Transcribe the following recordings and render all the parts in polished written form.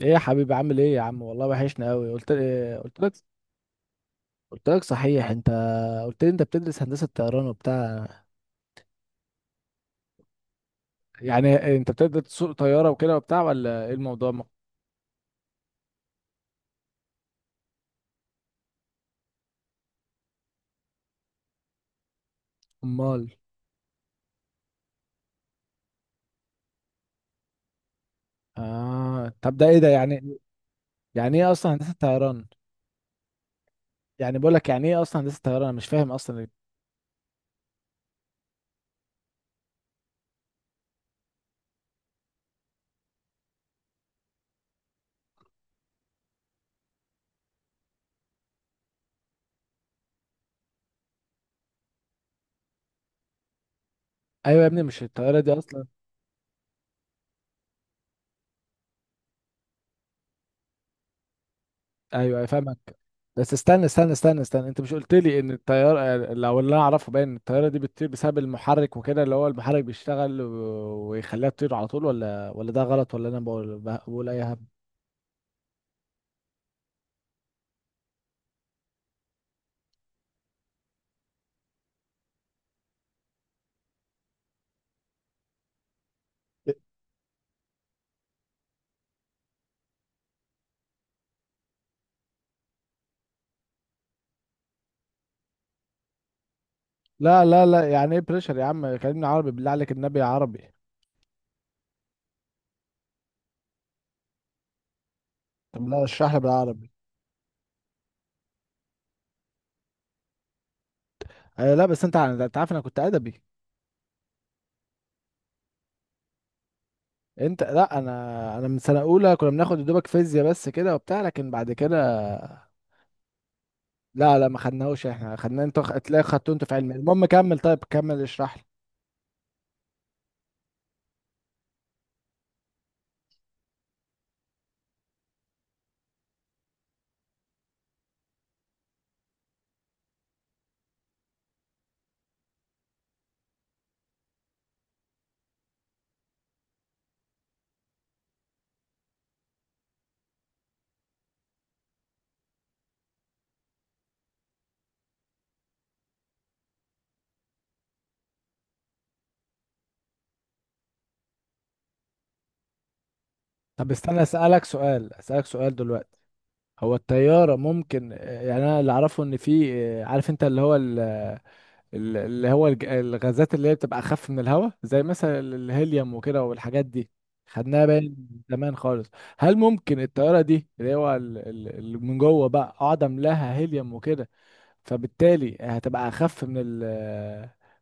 ايه يا حبيبي، عامل ايه يا عم؟ والله وحشنا قوي. قلت لك. قلت لك، صحيح انت؟ قلت لي انت بتدرس هندسة طيران وبتاع. يعني انت بتقدر تسوق طيارة وكده وبتاع، ولا ايه الموضوع؟ امال؟ اه، طب ده ايه ده يعني؟ يعني ايه اصلا هندسة طيران؟ يعني بقول لك، يعني ايه اصلا هندسة طيران؟ انا مش فاهم اصلا. ايوه يا ابني، مش الطيارة دي اصلا؟ ايوه، أيوة، فاهمك. بس استنى استنى استنى استنى، انت مش قلت لي ان الطياره، لو اللي انا اعرفه باين، إن الطياره دي بتطير بسبب المحرك وكده، اللي هو المحرك بيشتغل ويخليها تطير على طول، ولا ده غلط، ولا انا بقول اي هبل؟ لا لا لا، يعني ايه بريشر يا عم؟ كلمني عربي بالله عليك، النبي عربي. طب لا، اشرح لي بالعربي. آه لا، بس انت انت عارف انا كنت ادبي. انت لا، انا من سنه اولى كنا بناخد يا دوبك فيزياء بس كده وبتاع، لكن بعد كده. لا لا، ما خدناهوش احنا، خدنا انت تلاقي خدته انت في علم. المهم كمل، طيب كمل اشرح لي. طب استنى، اسالك سؤال دلوقتي. هو الطياره ممكن، يعني انا اللي اعرفه ان في، عارف انت، اللي هو اللي هو الغازات اللي هي بتبقى اخف من الهواء، زي مثلا الهيليوم وكده والحاجات دي، خدناها باين زمان خالص. هل ممكن الطياره دي، اللي هو اللي من جوه بقى اقعد املاها هيليوم وكده، فبالتالي هتبقى اخف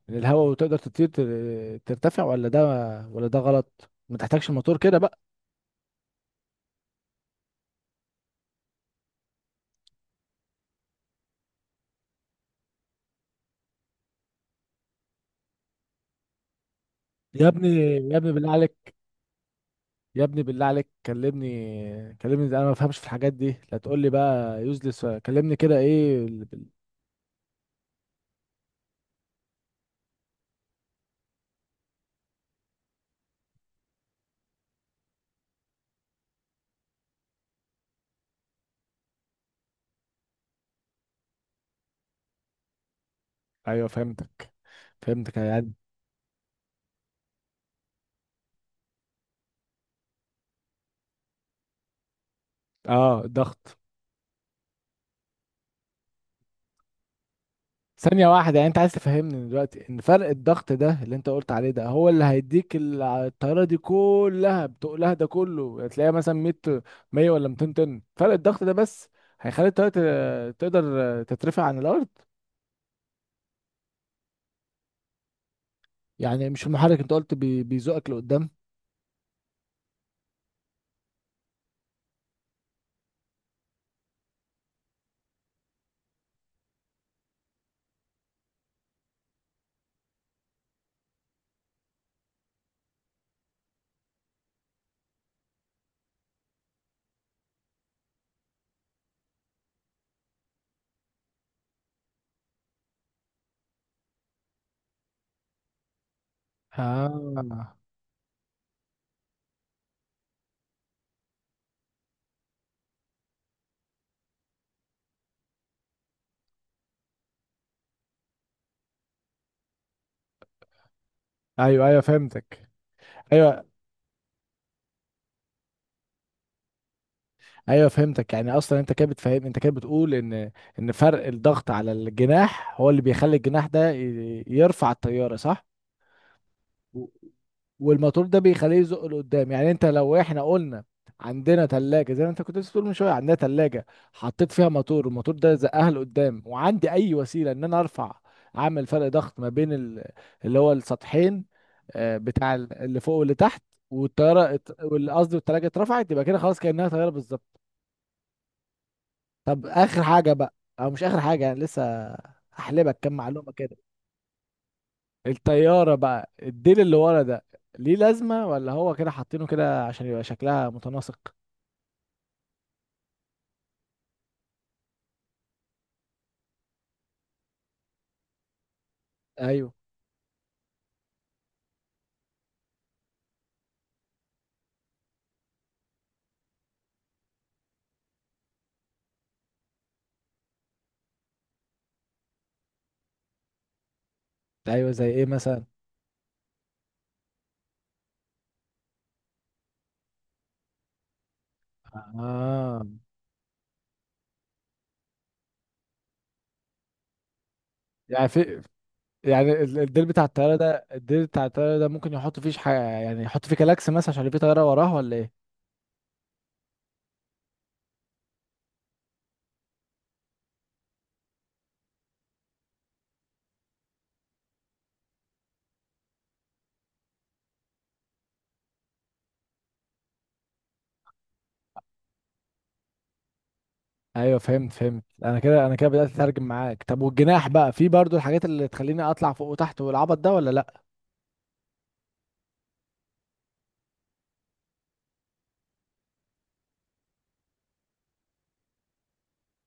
من الهواء، وتقدر تطير ترتفع، ولا ده، ولا ده غلط؟ ما تحتاجش الموتور كده بقى؟ يا ابني، يا ابني بالله عليك، يا ابني بالله عليك، كلمني كلمني، ده انا ما بفهمش في الحاجات دي، لا تقول لي بقى يوزلس، كلمني كده ايه ايوه فهمتك. فهمتك يعني. اه، الضغط. ثانية واحدة، يعني انت عايز تفهمني دلوقتي ان فرق الضغط ده اللي انت قلت عليه ده، هو اللي هيديك الطيارة دي كلها بتقلها، ده كله هتلاقيها مثلا 100، 100 ولا 200 طن فرق الضغط ده بس هيخلي الطيارة تقدر تترفع عن الأرض؟ يعني مش المحرك؟ انت قلت بيزقك لقدام. اه. ايوه ايوه فهمتك. ايوه ايوه فهمتك، يعني اصلا انت كده بتفهم، انت كده بتقول ان، ان فرق الضغط على الجناح هو اللي بيخلي الجناح ده يرفع الطيارة، صح؟ و- والموتور ده بيخليه يزق لقدام. يعني انت، لو احنا قلنا عندنا تلاجة، زي ما انت كنت لسه بتقول من شوية، عندنا تلاجة، حطيت فيها موتور، والموتور ده زقها لقدام، وعندي اي وسيلة ان انا ارفع، اعمل فرق ضغط ما بين اللي هو السطحين، بتاع اللي فوق واللي تحت، قصدي التلاجة اترفعت، يبقى كده خلاص، كأنها طيارة بالظبط. طب اخر حاجة بقى، او مش اخر حاجة يعني، لسه هحلبك كام معلومة كده. الطيارة بقى، الديل اللي ورا ده، ليه لازمة؟ ولا هو كده حاطينه كده عشان يبقى شكلها متناسق؟ ايوه ايوه. زي ايه مثلا؟ اه. يعني في يعني الديل بتاع الطيارة ده، ممكن يحط فيه حاجة، يعني يحط فيه كلاكس مثلا عشان في طيارة وراه، ولا ايه؟ ايوه، فهمت. انا كده بدأت اترجم معاك. طب والجناح بقى، في برضو الحاجات اللي تخليني اطلع فوق وتحت والعبط ده، ولا لا؟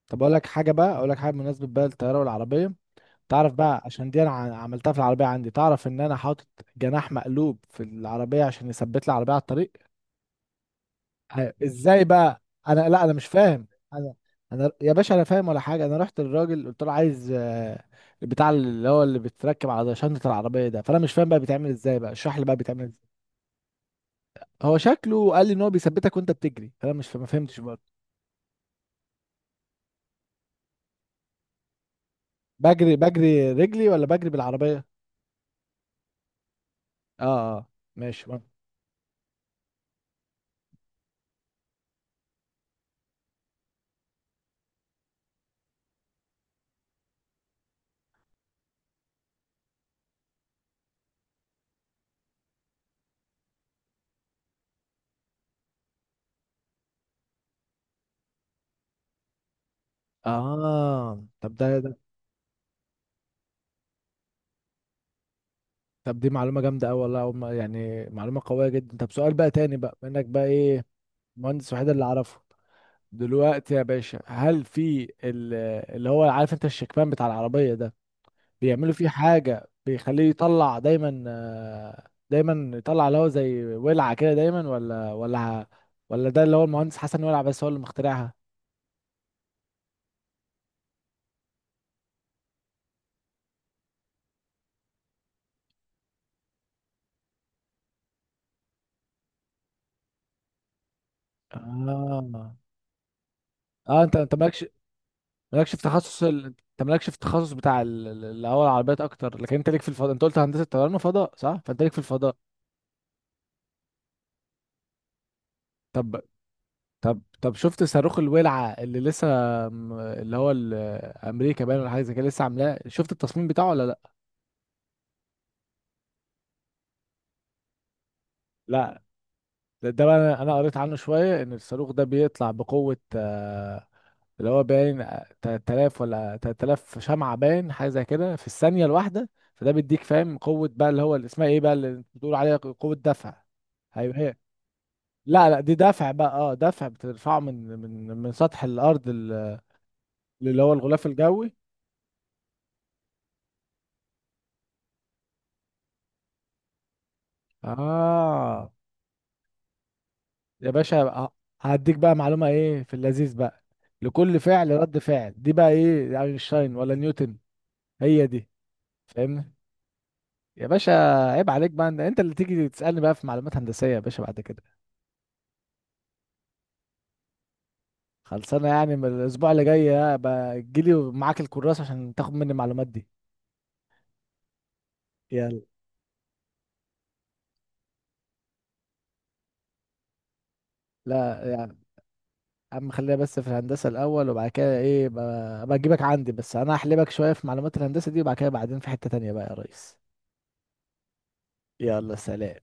طب اقول لك حاجة، بمناسبة بقى الطيارة والعربية. تعرف بقى، عشان دي انا عملتها في العربيه عندي، تعرف ان انا حاطط جناح مقلوب في العربيه عشان يثبت لي العربيه على الطريق؟ أيوة. ازاي بقى؟ لا انا مش فاهم. انا، انا يا باشا انا فاهم ولا حاجه. انا رحت للراجل قلت له عايز البتاع اللي هو اللي بيتركب على شنطه العربيه ده، فانا مش فاهم بقى بيتعمل ازاي، بقى اشرح لي بقى بيتعمل ازاي. هو شكله قال لي ان هو بيثبتك وانت بتجري، فانا مش فا- ما فهمتش برضه. بجري بجري رجلي، ولا بجري بالعربيه؟ اه اه. ماشي. اه، طب ده، طب دي معلومة جامدة أوي والله، أول ما- يعني معلومة قوية جدا. طب سؤال بقى تاني بقى منك، بقى إيه؟ المهندس الوحيد اللي أعرفه دلوقتي يا باشا، هل في اللي هو، عارف أنت، الشكمان بتاع العربية ده، بيعملوا فيه حاجة بيخليه يطلع دايما، دايما يطلع اللي هو زي ولعة كده دايما، ولا ده اللي هو المهندس حسن ولع بس هو اللي مخترعها؟ آه آه، أنت مالكش، انت مالكش في التخصص بتاع اللي هو العربيات اكتر، لكن انت ليك في الفضاء. انت قلت هندسه طيران وفضاء، صح؟ فانت ليك في الفضاء. طب طب طب، شفت صاروخ الولعه اللي لسه، اللي هو امريكا باين، ولا حاجه زي كده لسه عاملاه؟ شفت التصميم بتاعه ولا لا؟ لا، ده بقى، انا قريت عنه شويه، ان الصاروخ ده بيطلع بقوه، اللي هو باين، 3000 ولا 3000 شمعه، باين حاجه زي كده في الثانيه الواحده. فده بيديك، فاهم، قوه بقى، اللي هو اللي اسمها ايه بقى، اللي بتقول عليها قوه دفع. هيبقى. لا لا، دي دفع بقى، اه دفع، بترفعه من سطح الارض اللي هو الغلاف الجوي. اه يا باشا، هديك بقى معلومة، ايه في اللذيذ بقى. لكل فعل رد فعل، دي بقى ايه، اينشتاين ولا نيوتن؟ هي دي. فاهمني يا باشا؟ عيب عليك بقى، انت اللي تيجي تسألني بقى في معلومات هندسية يا باشا بعد كده. خلصانة يعني، من الاسبوع اللي جاي بقى تجيلي ومعاك الكراسة عشان تاخد مني المعلومات دي. يلا. لا عم، خلينا بس في الهندسة الأول، وبعد كده إيه، بجيبك عندي. بس أنا هحلبك شوية في معلومات الهندسة دي، وبعد كده بعدين في حتة تانية بقى يا ريس. يلا سلام.